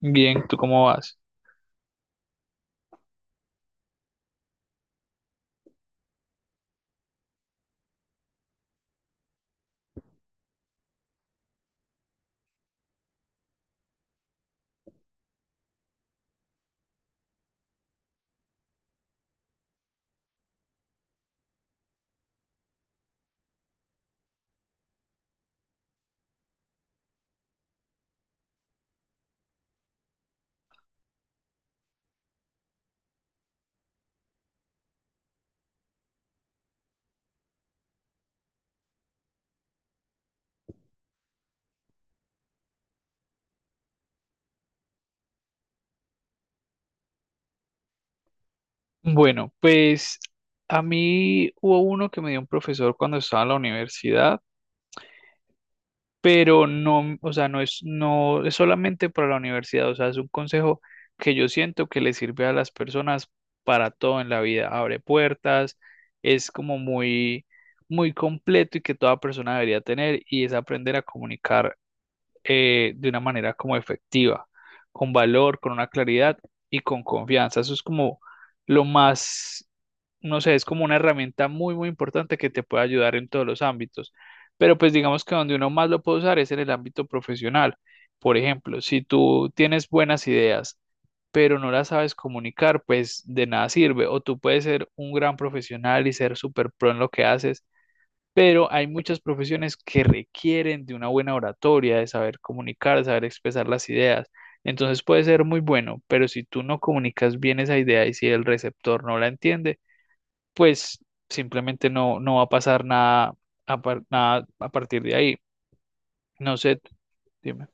Bien, ¿tú cómo vas? Bueno, pues a mí hubo uno que me dio un profesor cuando estaba en la universidad. Pero no, o sea, no es solamente para la universidad, o sea, es un consejo que yo siento que le sirve a las personas para todo en la vida, abre puertas, es como muy completo y que toda persona debería tener, y es aprender a comunicar de una manera como efectiva, con valor, con una claridad y con confianza. Eso es como lo más, no sé, es como una herramienta muy importante que te puede ayudar en todos los ámbitos. Pero pues digamos que donde uno más lo puede usar es en el ámbito profesional. Por ejemplo, si tú tienes buenas ideas pero no las sabes comunicar, pues de nada sirve. O tú puedes ser un gran profesional y ser súper pro en lo que haces, pero hay muchas profesiones que requieren de una buena oratoria, de saber comunicar, de saber expresar las ideas. Entonces puede ser muy bueno, pero si tú no comunicas bien esa idea y si el receptor no la entiende, pues simplemente no va a pasar nada nada a partir de ahí. No sé, dime.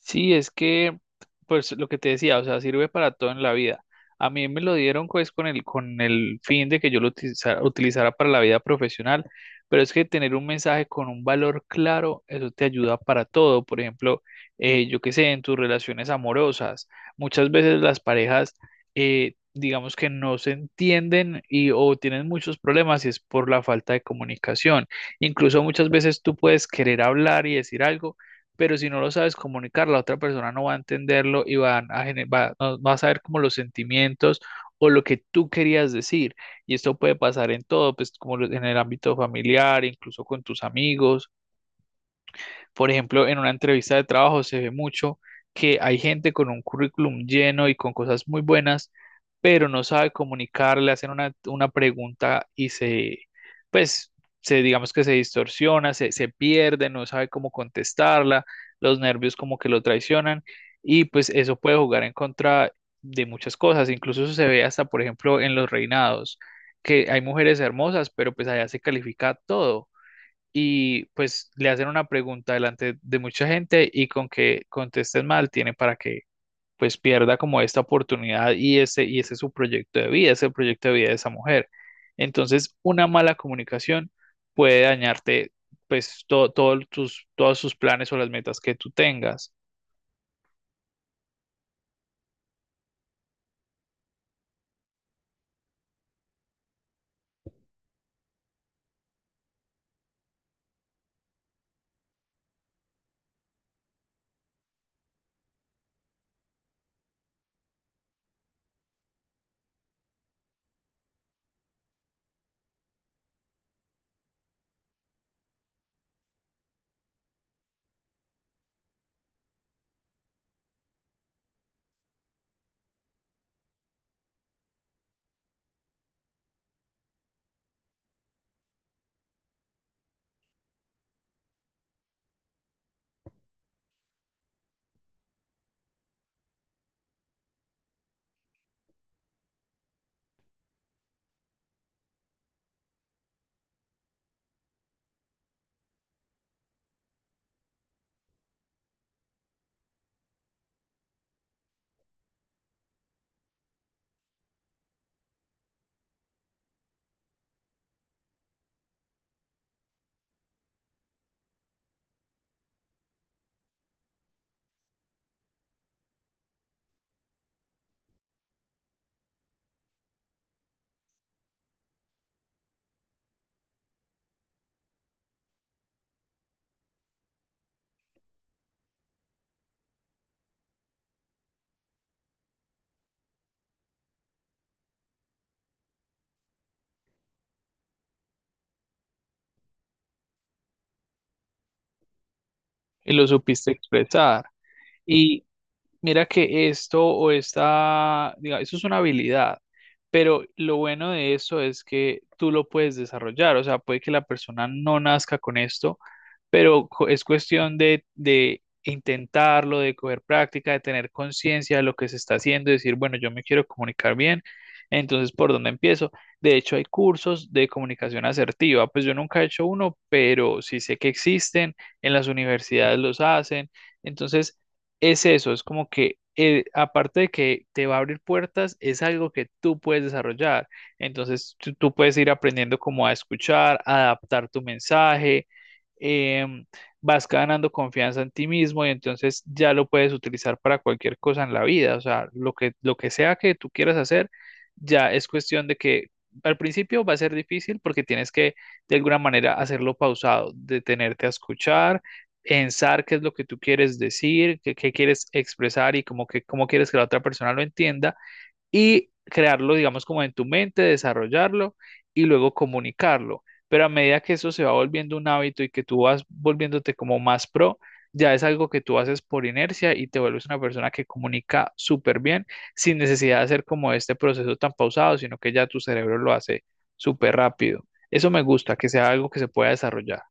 Sí, es que, pues lo que te decía, o sea, sirve para todo en la vida. A mí me lo dieron pues con el fin de que yo lo utilizara para la vida profesional, pero es que tener un mensaje con un valor claro, eso te ayuda para todo. Por ejemplo, yo qué sé, en tus relaciones amorosas, muchas veces las parejas, digamos que no se entienden, y o tienen muchos problemas y es por la falta de comunicación. Incluso muchas veces tú puedes querer hablar y decir algo, pero si no lo sabes comunicar, la otra persona no va a entenderlo y van a gener- va, no- no va a saber como los sentimientos o lo que tú querías decir. Y esto puede pasar en todo, pues en el ámbito familiar, incluso con tus amigos. Por ejemplo, en una entrevista de trabajo se ve mucho que hay gente con un currículum lleno y con cosas muy buenas, pero no sabe comunicar, le hacen una pregunta y se, pues, se, digamos que se distorsiona, se pierde, no sabe cómo contestarla, los nervios como que lo traicionan, y pues eso puede jugar en contra de muchas cosas. Incluso eso se ve hasta, por ejemplo, en los reinados, que hay mujeres hermosas, pero pues allá se califica todo, y pues le hacen una pregunta delante de mucha gente y con que contesten mal tiene para que pues pierda como esta oportunidad, y ese es su proyecto de vida, ese proyecto de vida de esa mujer. Entonces, una mala comunicación puede dañarte pues todo tus, todos sus planes o las metas que tú tengas, y lo supiste expresar. Mira que esto o esta, diga, eso es una habilidad, pero lo bueno de esto es que tú lo puedes desarrollar. O sea, puede que la persona no nazca con esto, pero es cuestión de intentarlo, de coger práctica, de tener conciencia de lo que se está haciendo, y decir, bueno, yo me quiero comunicar bien, entonces, ¿por dónde empiezo? De hecho, hay cursos de comunicación asertiva. Pues yo nunca he hecho uno, pero sí sé que existen, en las universidades los hacen, entonces... Es eso, es como que aparte de que te va a abrir puertas, es algo que tú puedes desarrollar. Entonces tú puedes ir aprendiendo cómo a escuchar, a adaptar tu mensaje, em, vas ganando confianza en ti mismo, y entonces ya lo puedes utilizar para cualquier cosa en la vida. O sea, lo que sea que tú quieras hacer, ya es cuestión de que al principio va a ser difícil porque tienes que de alguna manera hacerlo pausado, detenerte a escuchar, pensar qué es lo que tú quieres decir, qué quieres expresar, y como que cómo quieres que la otra persona lo entienda y crearlo, digamos, como en tu mente, desarrollarlo y luego comunicarlo. Pero a medida que eso se va volviendo un hábito y que tú vas volviéndote como más pro, ya es algo que tú haces por inercia y te vuelves una persona que comunica súper bien sin necesidad de hacer como este proceso tan pausado, sino que ya tu cerebro lo hace súper rápido. Eso me gusta, que sea algo que se pueda desarrollar.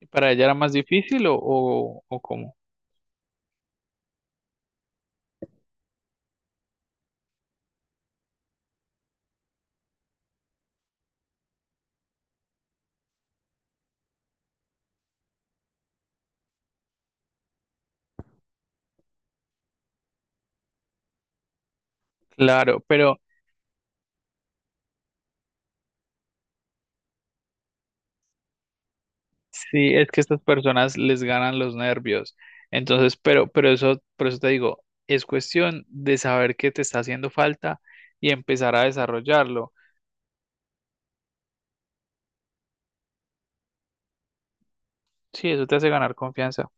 ¿Y para ella era más difícil, o cómo? Claro, pero sí, es que estas personas les ganan los nervios. Entonces, pero eso, por eso te digo, es cuestión de saber qué te está haciendo falta y empezar a desarrollarlo. Sí, eso te hace ganar confianza.